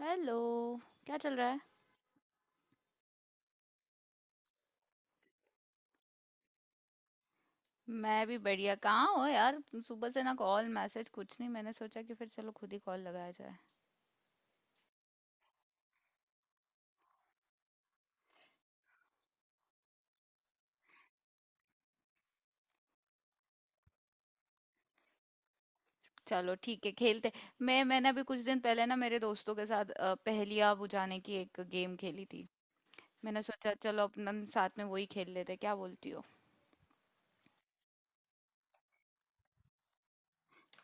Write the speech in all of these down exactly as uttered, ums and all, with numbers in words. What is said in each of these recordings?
Hello. क्या चल रहा है। मैं भी बढ़िया, कहाँ हो यार? तुम सुबह से ना कॉल मैसेज कुछ नहीं, मैंने सोचा कि फिर चलो खुद ही कॉल लगाया जाए। चलो ठीक है खेलते। मैं मैंने अभी कुछ दिन पहले ना मेरे दोस्तों के साथ अ, पहेलियाँ बुझाने की एक गेम खेली थी। मैंने सोचा चलो अपन साथ में वही खेल लेते हैं, क्या बोलती हो?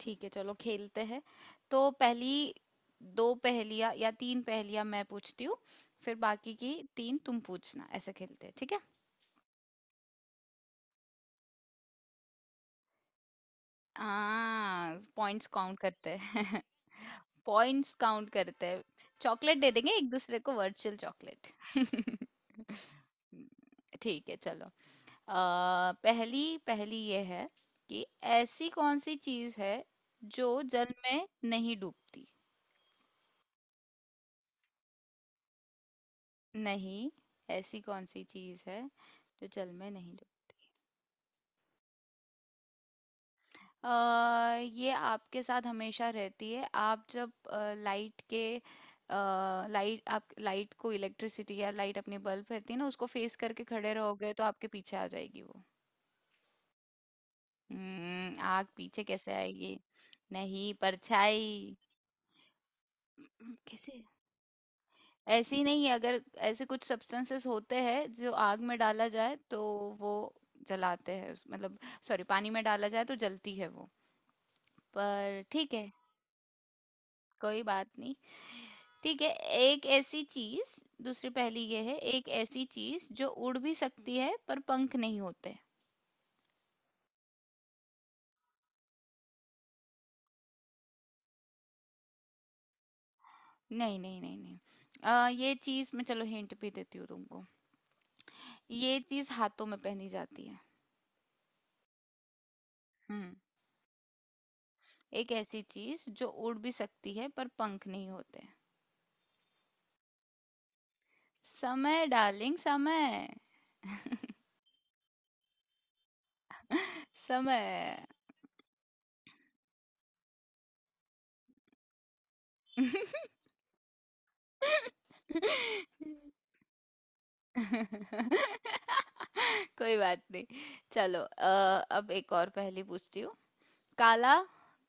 ठीक है चलो खेलते हैं। तो पहली दो पहेलियाँ या तीन पहेलियाँ मैं पूछती हूँ, फिर बाकी की तीन तुम पूछना, ऐसे खेलते हैं ठीक है? हाँ, पॉइंट्स काउंट करते हैं। पॉइंट्स काउंट करते हैं। चॉकलेट दे देंगे एक दूसरे को, वर्चुअल चॉकलेट। ठीक है चलो। आ, पहली पहली ये है कि ऐसी कौन सी चीज है जो जल में नहीं डूबती। नहीं। ऐसी कौन सी चीज है जो जल में नहीं? अ, ये आपके साथ हमेशा रहती है। आप जब लाइट के, लाइट, आप लाइट को इलेक्ट्रिसिटी या लाइट, अपनी बल्ब रहती है ना, उसको फेस करके खड़े रहोगे तो आपके पीछे आ जाएगी वो। हम्म, आग पीछे कैसे आएगी? नहीं, परछाई। हम्म, कैसे? ऐसी नहीं, अगर ऐसे कुछ सब्सटेंसेस होते हैं जो आग में डाला जाए तो वो जलाते हैं, उस- मतलब सॉरी पानी में डाला जाए तो जलती है वो, पर ठीक है कोई बात नहीं। ठीक है। एक ऐसी चीज, दूसरी पहेली ये है, एक ऐसी चीज जो उड़ भी सकती है पर पंख नहीं होते। नहीं नहीं नहीं नहीं। आ, ये चीज, मैं चलो हिंट भी देती हूँ तुमको। ये चीज हाथों में पहनी जाती है। हम्म। एक ऐसी चीज जो उड़ भी सकती है पर पंख नहीं होते। समय डार्लिंग, समय। समय। कोई बात नहीं। चलो अ, अब एक और पहेली पूछती हूँ। काला,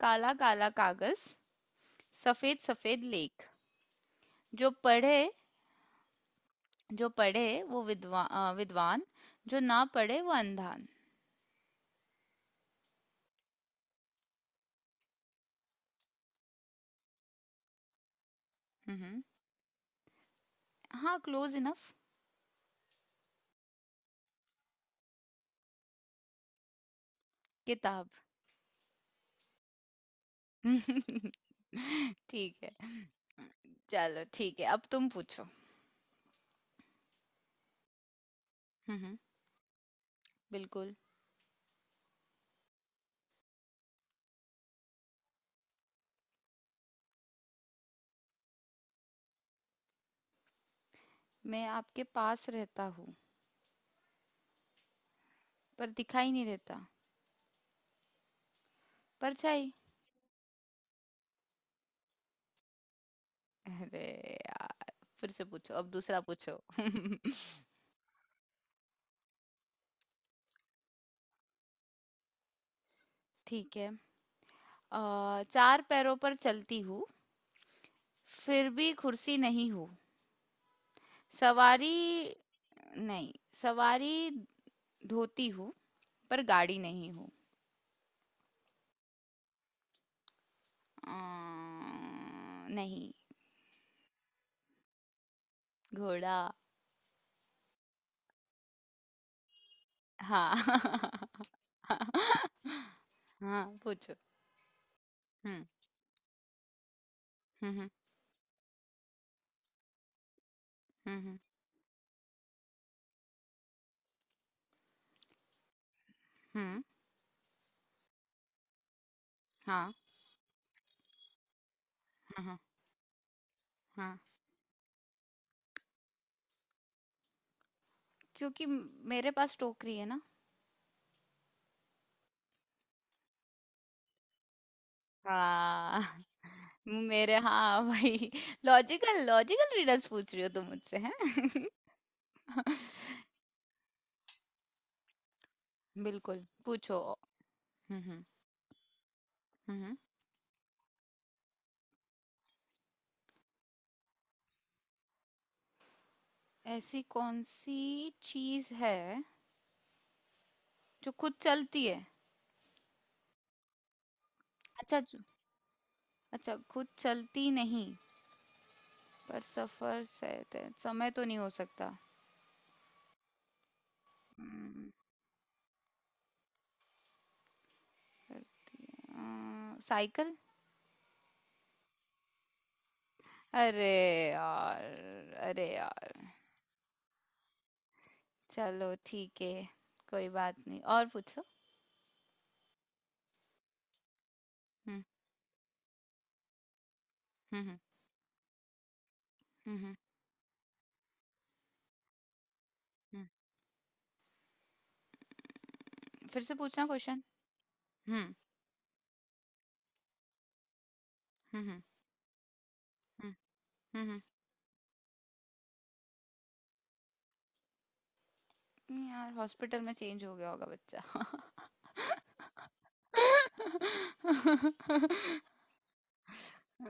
काला काला कागज, सफेद सफेद लेख, जो पढ़े, जो पढ़े वो विद्वान विद्वान, जो ना पढ़े वो अंधान। हम्म। हाँ, क्लोज इनफ। किताब। ठीक है चलो ठीक है, अब तुम पूछो। हम्म। बिल्कुल। मैं आपके पास रहता हूँ पर दिखाई नहीं देता। परछाई। अरे यार, फिर से पूछो, अब दूसरा पूछो। ठीक है। अ, चार पैरों पर चलती हूँ, फिर भी कुर्सी नहीं हूँ। सवारी। नहीं। सवारी धोती हूँ, पर गाड़ी नहीं हूँ। अं, नहीं। घोड़ा। हाँ। हाँ पूछो। हम्म। हम्म। हम्म। हम्म। हम्म, हाँ। हाँ। हम्म, हम्म, हाँ। क्योंकि मेरे पास टोकरी है ना। हाँ। मेरे, हाँ भाई, लॉजिकल, लॉजिकल रीडर्स पूछ रही हो तुम मुझसे हैं। बिल्कुल पूछो। हम्म। हम्म। हम्म, हम्म। ऐसी कौन सी चीज है जो खुद चलती है? अच्छा जो- अच्छा, खुद चलती नहीं पर सफर से ते- समय तो नहीं हो सकता। हम्म, अ, साइकिल। अरे यार, अरे यार। चलो ठीक है, कोई बात नहीं, और पूछो। हम्म। हम्म। हम्म। हम्म, हम्म। हम्म। फिर से पूछना क्वेश्चन। हम्म। हम्म। हम्म। हम्म। हम्म। नहीं यार, हॉस्पिटल में चेंज हो गया होगा। बच्चा।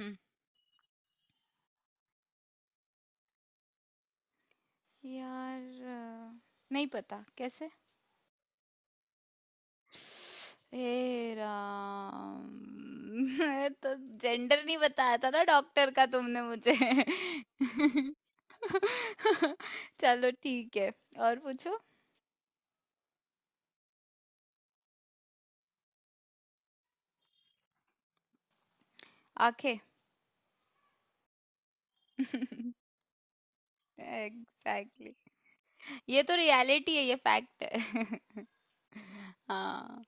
हम्म, यार अ, नहीं पता कैसे। हे राम। मैं तो, जेंडर नहीं बताया था ना डॉक्टर का तुमने मुझे। चलो ठीक है, और पूछो। आंखें। एग्जैक्टली। ये तो रियलिटी है, ये फैक्ट है। हाँ।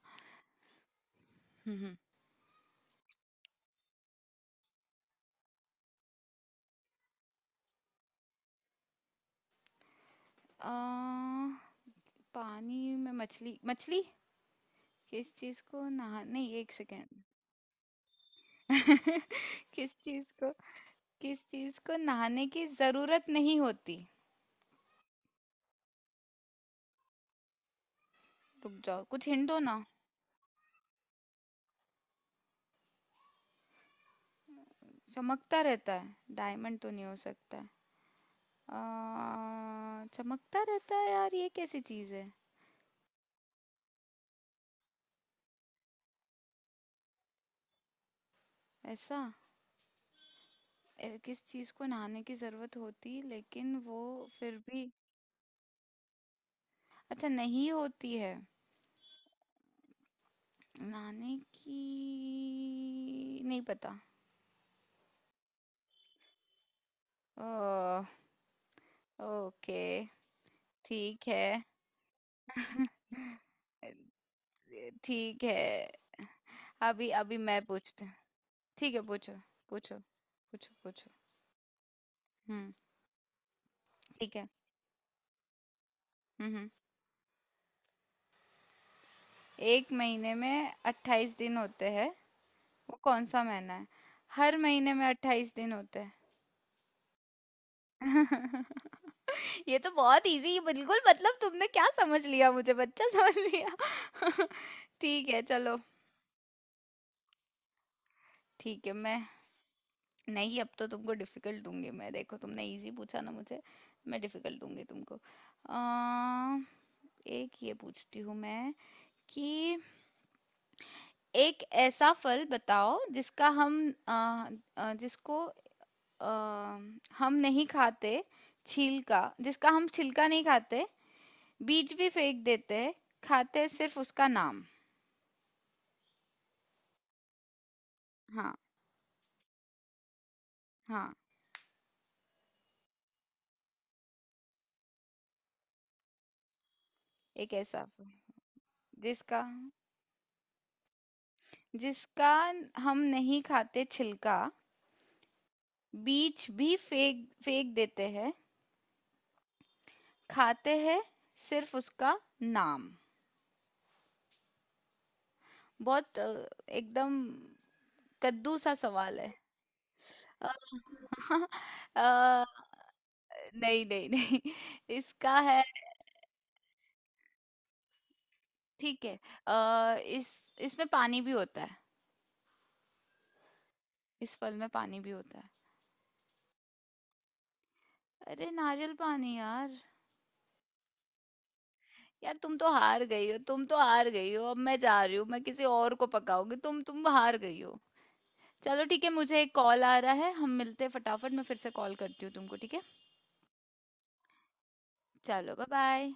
हम्म, अ, पानी में मछली, मछली। किस चीज को नहा नहीं एक सेकेंड। किस चीज को, किस चीज को नहाने की जरूरत नहीं होती? रुक जाओ, कुछ हिंट दो ना। चमकता रहता है, डायमंड तो नहीं हो सकता है। आ, चमकता रहता है यार, ये कैसी चीज है? ऐसा। ए, किस चीज को नहाने की जरूरत होती लेकिन वो फिर भी। अच्छा नहीं होती है, नहाने की नहीं पता। ओ। ओके। ठीक है। ठीक है। अभी अभी मैं पूछती हूँ। ठीक है पूछो, पूछो, पूछो, पूछो। हम्म। ठीक है। हम्म। हम्म। एक महीने में अट्ठाईस दिन होते हैं, वो कौन सा महीना है? हर महीने में अट्ठाईस दिन होते हैं। ये तो बहुत इजी, बिल्कुल, मतलब तुमने क्या समझ लिया, मुझे बच्चा समझ लिया? ठीक है चलो। ठीक है मैं, नहीं अब तो तुमको डिफिकल्ट दूंगी मैं, देखो तुमने इजी पूछा ना मुझे, मैं डिफिकल्ट दूंगी तुमको। अ, एक ये पूछती हूँ मैं, कि एक ऐसा फल बताओ जिसका हम, अ, अ, जिसको अ, हम नहीं खाते छिलका, जिसका हम छिलका नहीं खाते, बीज भी फेंक देते हैं, खाते हैं सिर्फ उसका नाम। हाँ। हाँ। एक ऐसा फल, जिसका, जिसका हम नहीं खाते छिलका, बीज भी फेंक फेंक देते हैं, खाते हैं सिर्फ उसका नाम। बहुत अ, एकदम कद्दू सा सवाल है। अ, अ, नहीं नहीं नहीं। इसका है। ठीक है। अ, इस इसमें पानी भी होता है। इस फल में पानी भी होता है। अरे नारियल पानी यार। यार तुम तो हार गई हो, तुम तो हार गई हो, अब मैं जा रही हूँ, मैं किसी और को पकाऊंगी, तुम तुम हार गई हो। चलो ठीक है, मुझे एक कॉल आ रहा है, हम मिलते हैं फटाफट, मैं फिर से कॉल करती हूँ तुमको ठीक है। चलो बाय बाय।